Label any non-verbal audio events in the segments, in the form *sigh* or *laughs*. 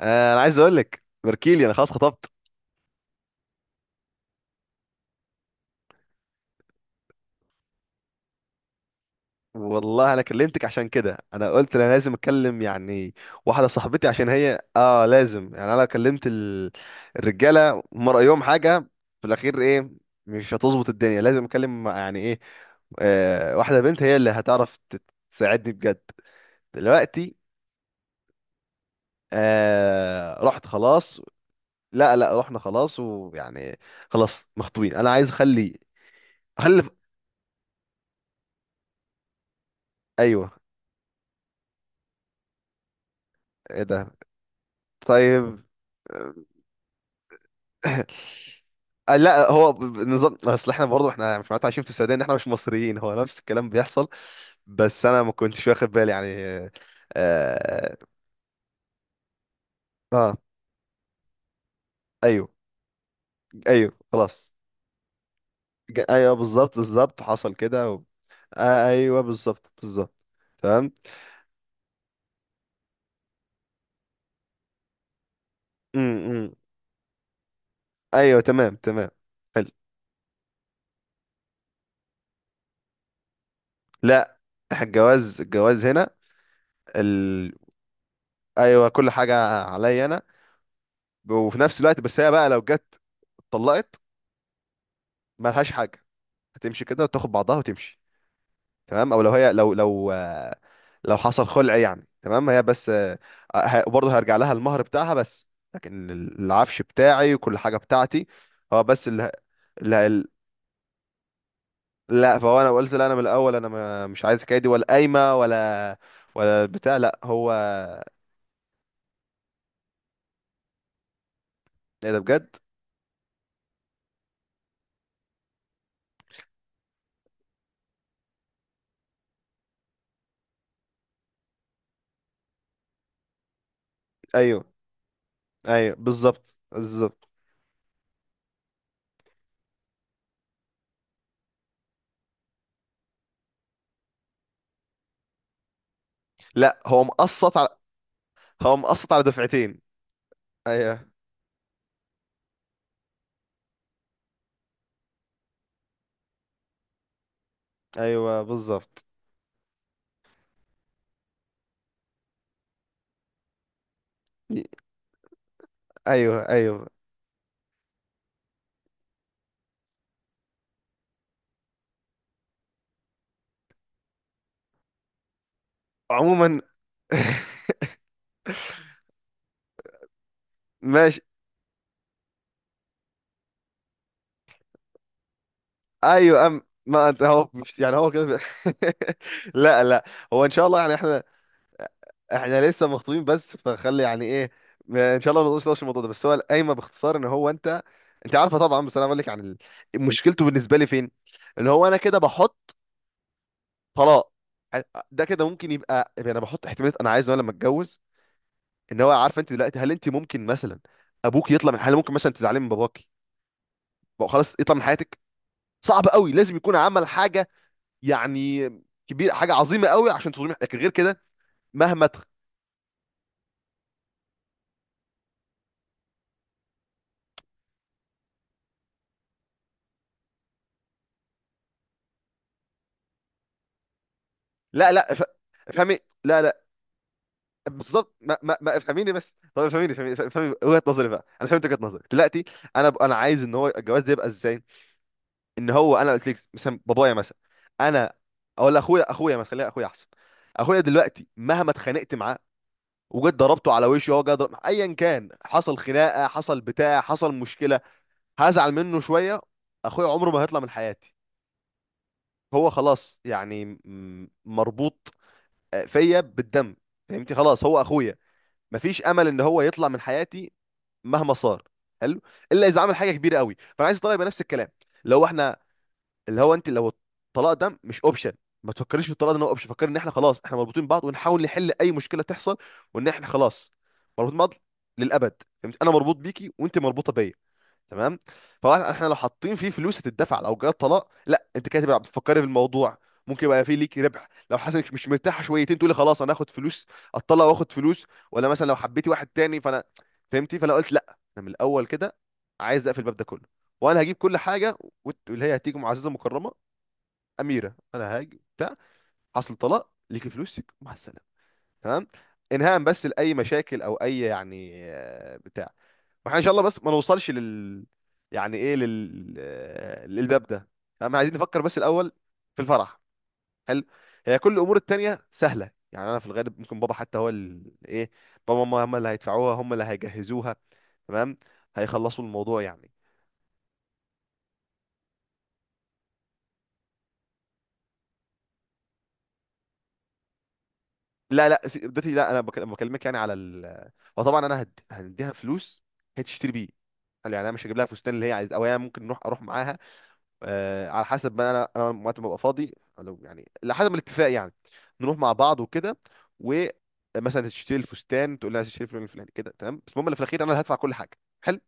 انا عايز اقول لك بركيلي انا خلاص خطبت. والله انا كلمتك عشان كده، انا قلت انا لازم اتكلم يعني واحده صاحبتي، عشان هي لازم يعني انا لو كلمت الرجاله هم رايهم حاجه في الاخير، ايه؟ مش هتظبط الدنيا، لازم اكلم يعني ايه، واحده بنت هي اللي هتعرف تساعدني بجد دلوقتي. آه، رحت خلاص. لا رحنا خلاص، ويعني خلاص مخطوبين. انا عايز اخلي، اخلف. ايوه. ايه ده؟ طيب. لا، هو نظام، اصل احنا برضه، احنا مش معناتها عايشين في السعوديه ان احنا مش مصريين، هو نفس الكلام بيحصل. بس انا ما كنتش واخد بالي يعني اه, آه. آه، ايوه. ايوه خلاص. ايوه، بالظبط بالظبط، حصل كده آه ايوه، بالظبط بالظبط. تمام. امم. ايوه، تمام تمام. حلو. لا، إحنا الجواز هنا ال... ايوه، كل حاجه عليا انا. وفي نفس الوقت بس هي بقى لو جت اتطلقت، مالهاش حاجه. هتمشي كده وتاخد بعضها وتمشي. تمام. او لو هي لو لو حصل خلع يعني، تمام، هي بس، برضه هيرجع لها المهر بتاعها، بس لكن العفش بتاعي وكل حاجه بتاعتي، هو بس اللي، لا لا. فهو انا قلت لا، انا من الاول انا مش عايز الحكايه دي، ولا قايمه ولا ولا بتاع، لا. هو ايه ده بجد؟ ايوه ايوه، بالظبط بالظبط. لا هو مقسط على، هو مقسط على دفعتين. ايوه ايوه، بالظبط. ايوه ايوه. عموما. *laughs* ماشي. ايوه. ما انت، هو مش يعني هو كده *laughs* لا لا، هو ان شاء الله يعني، احنا احنا لسه مخطوبين بس، فخلي يعني ايه، ان شاء الله ما نقولش نفس الموضوع ده. بس هو القايمه باختصار، ان هو انت، انت عارفه طبعا، بس انا بقول لك عن مشكلته بالنسبه لي فين. اللي هو انا كده بحط طلاق، ده كده ممكن يبقى يعني، انا بحط احتمالات انا عايز، وانا لما اتجوز ان هو عارفه. انت دلوقتي، هل انت ممكن مثلا ابوك يطلع من حاله؟ ممكن مثلا تزعلي من باباكي بقى خلاص يطلع من حياتك؟ صعب قوي، لازم يكون عمل حاجه يعني كبير، حاجه عظيمه قوي عشان تظلمي. لكن غير كده، مهما لا لا، افهمي. لا لا، بالظبط، ما افهميني بس، طب افهميني، افهمي وجهه نظري بقى، انا فهمت وجهه نظري دلوقتي. انا عايز ان هو الجواز ده يبقى ازاي، ان هو انا قلت لك مثلا بابايا، مثلا انا اقول اخويا، ما تخليها اخويا احسن. اخويا دلوقتي مهما اتخانقت معاه وجيت ضربته على وشه، هو جاي ضرب ايا كان، حصل خناقه، حصل بتاع، حصل مشكله، هزعل منه شويه، اخويا عمره ما هيطلع من حياتي. هو خلاص يعني مربوط فيا بالدم. فهمتي؟ خلاص هو اخويا، مفيش امل ان هو يطلع من حياتي مهما صار. حلو. الا اذا عمل حاجه كبيره قوي. فانا عايز الطلاق يبقى نفس الكلام، لو احنا، اللي هو انت لو، الطلاق ده مش اوبشن. ما تفكريش في الطلاق ده ان هو اوبشن. فكري ان احنا خلاص احنا مربوطين ببعض، ونحاول نحل اي مشكله تحصل، وان احنا خلاص مربوطين ببعض للابد. فهمت؟ انا مربوط بيكي وانت مربوطه بيا. تمام. فهو احنا لو حاطين فيه فلوس هتدفع لو جه طلاق، لا انت كده تبقى بتفكري في الموضوع، ممكن يبقى فيه ليك ربح. لو حاسه انك مش مرتاحه شويتين، تقولي خلاص انا هاخد فلوس، اتطلق واخد فلوس، ولا مثلا لو حبيتي واحد تاني. فانا فهمتي، فانا قلت لا انا من الاول كده، عايز اقفل الباب ده كله. وانا هجيب كل حاجه، واللي هي هتيجي معززه مكرمه، اميره، انا هاجي بتاع، حصل طلاق، ليكي فلوسك مع السلامه. تمام. انهاء بس لاي مشاكل او اي يعني بتاع. واحنا ان شاء الله بس ما نوصلش لل، يعني ايه، لل للباب ده. احنا عايزين نفكر بس الاول في الفرح. حلو. هي كل الامور التانية سهلة يعني، انا في الغالب ممكن بابا، حتى هو ايه، بابا وماما هم اللي هيدفعوها، هم اللي هيجهزوها. تمام، هيخلصوا الموضوع يعني. لا لا، سي- بدتي لا انا بكلمك يعني على وطبعا انا هنديها فلوس هي تشتري بيه. قال يعني انا مش هجيب لها فستان اللي هي عايز، او هي ممكن نروح، اروح معاها، آه، على حسب ما انا، انا وقت ما ببقى فاضي، لو يعني على حسب الاتفاق يعني، نروح مع بعض وكده، ومثلا تشتري الفستان، تقول لها تشتري الفلان الفلاني كده. تمام، بس المهم اللي في الاخير انا اللي هدفع كل حاجه. حلو.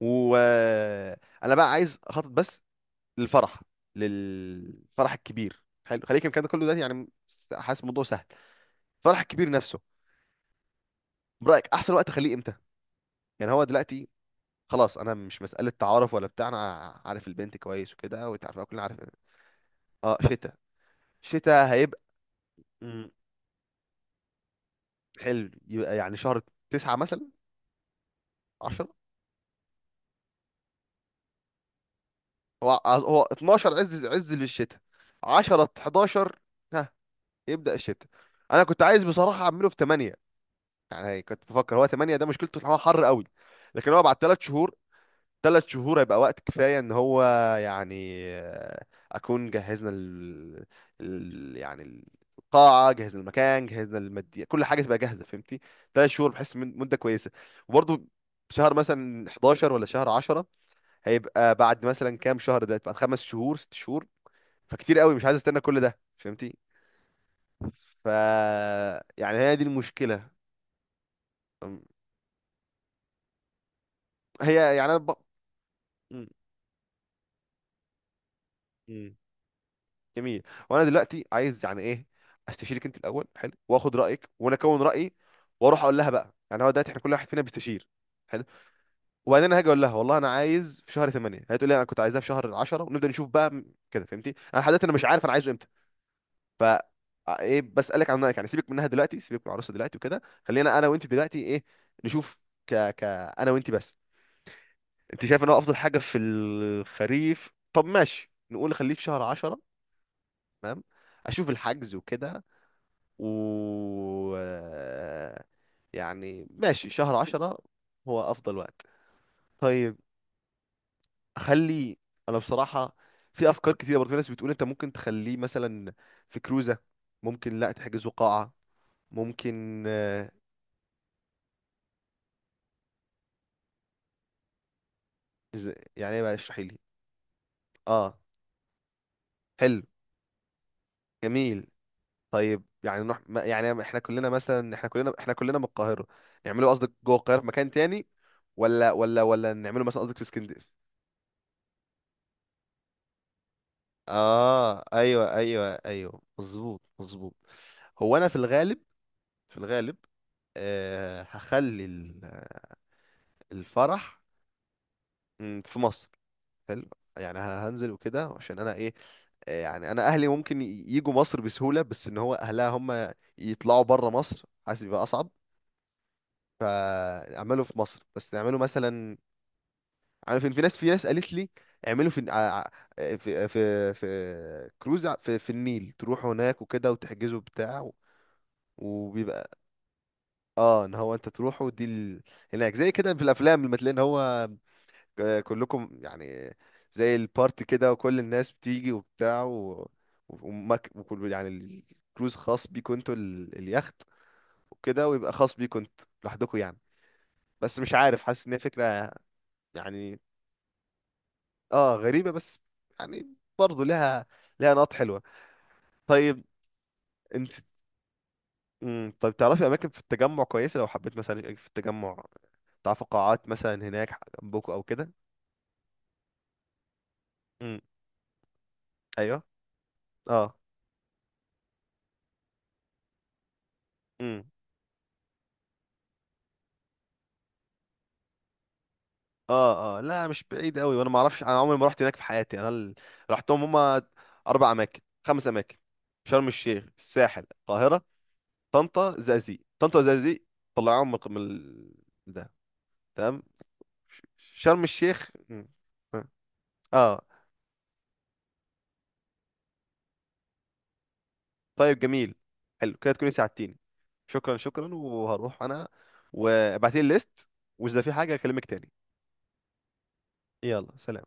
وانا بقى عايز اخطط بس للفرح، للفرح الكبير. حلو، خليك الكلام ده كله دلوقتي يعني، حاسس الموضوع سهل. الفرح الكبير نفسه، برايك احسن وقت اخليه امتى؟ يعني هو دلوقتي خلاص، انا مش مساله تعارف ولا بتاع، انا عارف البنت كويس وكده، وتعرفها، كلنا عارف. اه شتاء. شتاء هيبقى، حلو، يبقى يعني شهر تسعة مثلا، 10. هو هو 12 عز عز للشتاء، 10، 11، ها، يبدأ الشتاء. انا كنت عايز بصراحة اعمله في 8، يعني كنت بفكر، هو 8 ده مشكلته ان هو حر قوي، لكن هو بعد 3 شهور، 3 شهور هيبقى وقت كفاية ان هو يعني اكون جهزنا يعني القاعة، جهزنا المكان، جهزنا المادية، كل حاجة تبقى جاهزة. فهمتي؟ 3 شهور بحس مدة كويسة. وبرضه شهر مثلا 11 ولا شهر 10، هيبقى بعد مثلا كام شهر، ده بعد 5 شهور 6 شهور، فكتير قوي، مش عايز استنى كل ده. فهمتي؟ ف، يعني هي دي المشكله. أم، هي يعني انا ب... م- م. جميل. وانا دلوقتي عايز يعني ايه، استشيرك انت الاول، حلو، واخد رايك وانا اكون رايي، واروح اقول لها بقى. يعني هو دلوقتي احنا كل واحد فينا بيستشير. حلو. وبعدين أنا هاجي اقول لها والله انا عايز في شهر 8، هي تقول لي انا كنت عايزاه في شهر 10، ونبدا نشوف بقى كده. فهمتي؟ انا لحد دلوقتي انا مش عارف انا عايزه امتى. ف ايه، بسألك عن رأيك يعني. سيبك منها دلوقتي، سيبك من العروسة دلوقتي وكده، خلينا انا وانت دلوقتي ايه، نشوف، ك ك انا وانت بس. انت شايف ان هو افضل حاجة في الخريف؟ طب ماشي، نقول خليه في شهر 10. تمام، اشوف الحجز وكده و، يعني ماشي شهر 10 هو افضل وقت. طيب، اخلي، انا بصراحة في افكار كتيرة. برضه في ناس بتقول انت ممكن تخليه مثلا في كروزة، ممكن لا تحجزه قاعة، ممكن يعني ايه بقى، اشرحي لي. اه. حلو. جميل. طيب، يعني نروح يعني احنا كلنا مثلا، احنا كلنا من القاهرة، نعمله قصدك جوه القاهرة في مكان تاني، ولا نعمله مثلا قصدك في اسكندرية؟ اه ايوه ايوه ايوه، مظبوط مظبوط. هو انا في الغالب، في الغالب، آه، هخلي الفرح، مم، في مصر. حلو يعني، هنزل وكده، عشان انا ايه، يعني انا اهلي ممكن يجوا مصر بسهوله، بس ان هو اهلها هم يطلعوا بره مصر حاسس يبقى اصعب. فاعملوا في مصر، بس اعملوا مثلا، عارف إن في ناس، قالت لي اعملوا في في في كروز في النيل، تروحوا هناك وكده، وتحجزوا بتاع وبيبقى، اه ان هو انت تروحوا دي هناك زي كده في الافلام، لما تلاقي ان هو كلكم يعني زي البارتي كده، وكل الناس بتيجي وبتاع وكل يعني الكروز خاص بيكوا انتوا اليخت وكده، ويبقى خاص بيكوا انتوا لوحدكم يعني. بس مش عارف، حاسس ان هي فكرة يعني، اه غريبة بس يعني، برضه لها، لها نقط حلوة. طيب. انت، مم، طيب تعرفي اماكن في التجمع كويسة؟ لو حبيت مثلا يبقى في التجمع، تعرفي قاعات مثلا هناك جنبكوا او كده. امم. ايوه. اه اه اه، لا مش بعيد قوي. وانا ما اعرفش، انا عمري ما رحت هناك في حياتي، انا رحتهم هما 4 اماكن، 5 اماكن، شرم الشيخ، الساحل، القاهره، طنطا، زقازيق، طنطا وزقازيق، طلعوهم من ده. تمام. ش- شرم الشيخ. مم. اه. طيب، جميل. حلو، كده تكوني ساعدتيني. شكرا شكرا، وهروح انا، وابعتيلي الليست، واذا في حاجه اكلمك تاني. يلا سلام.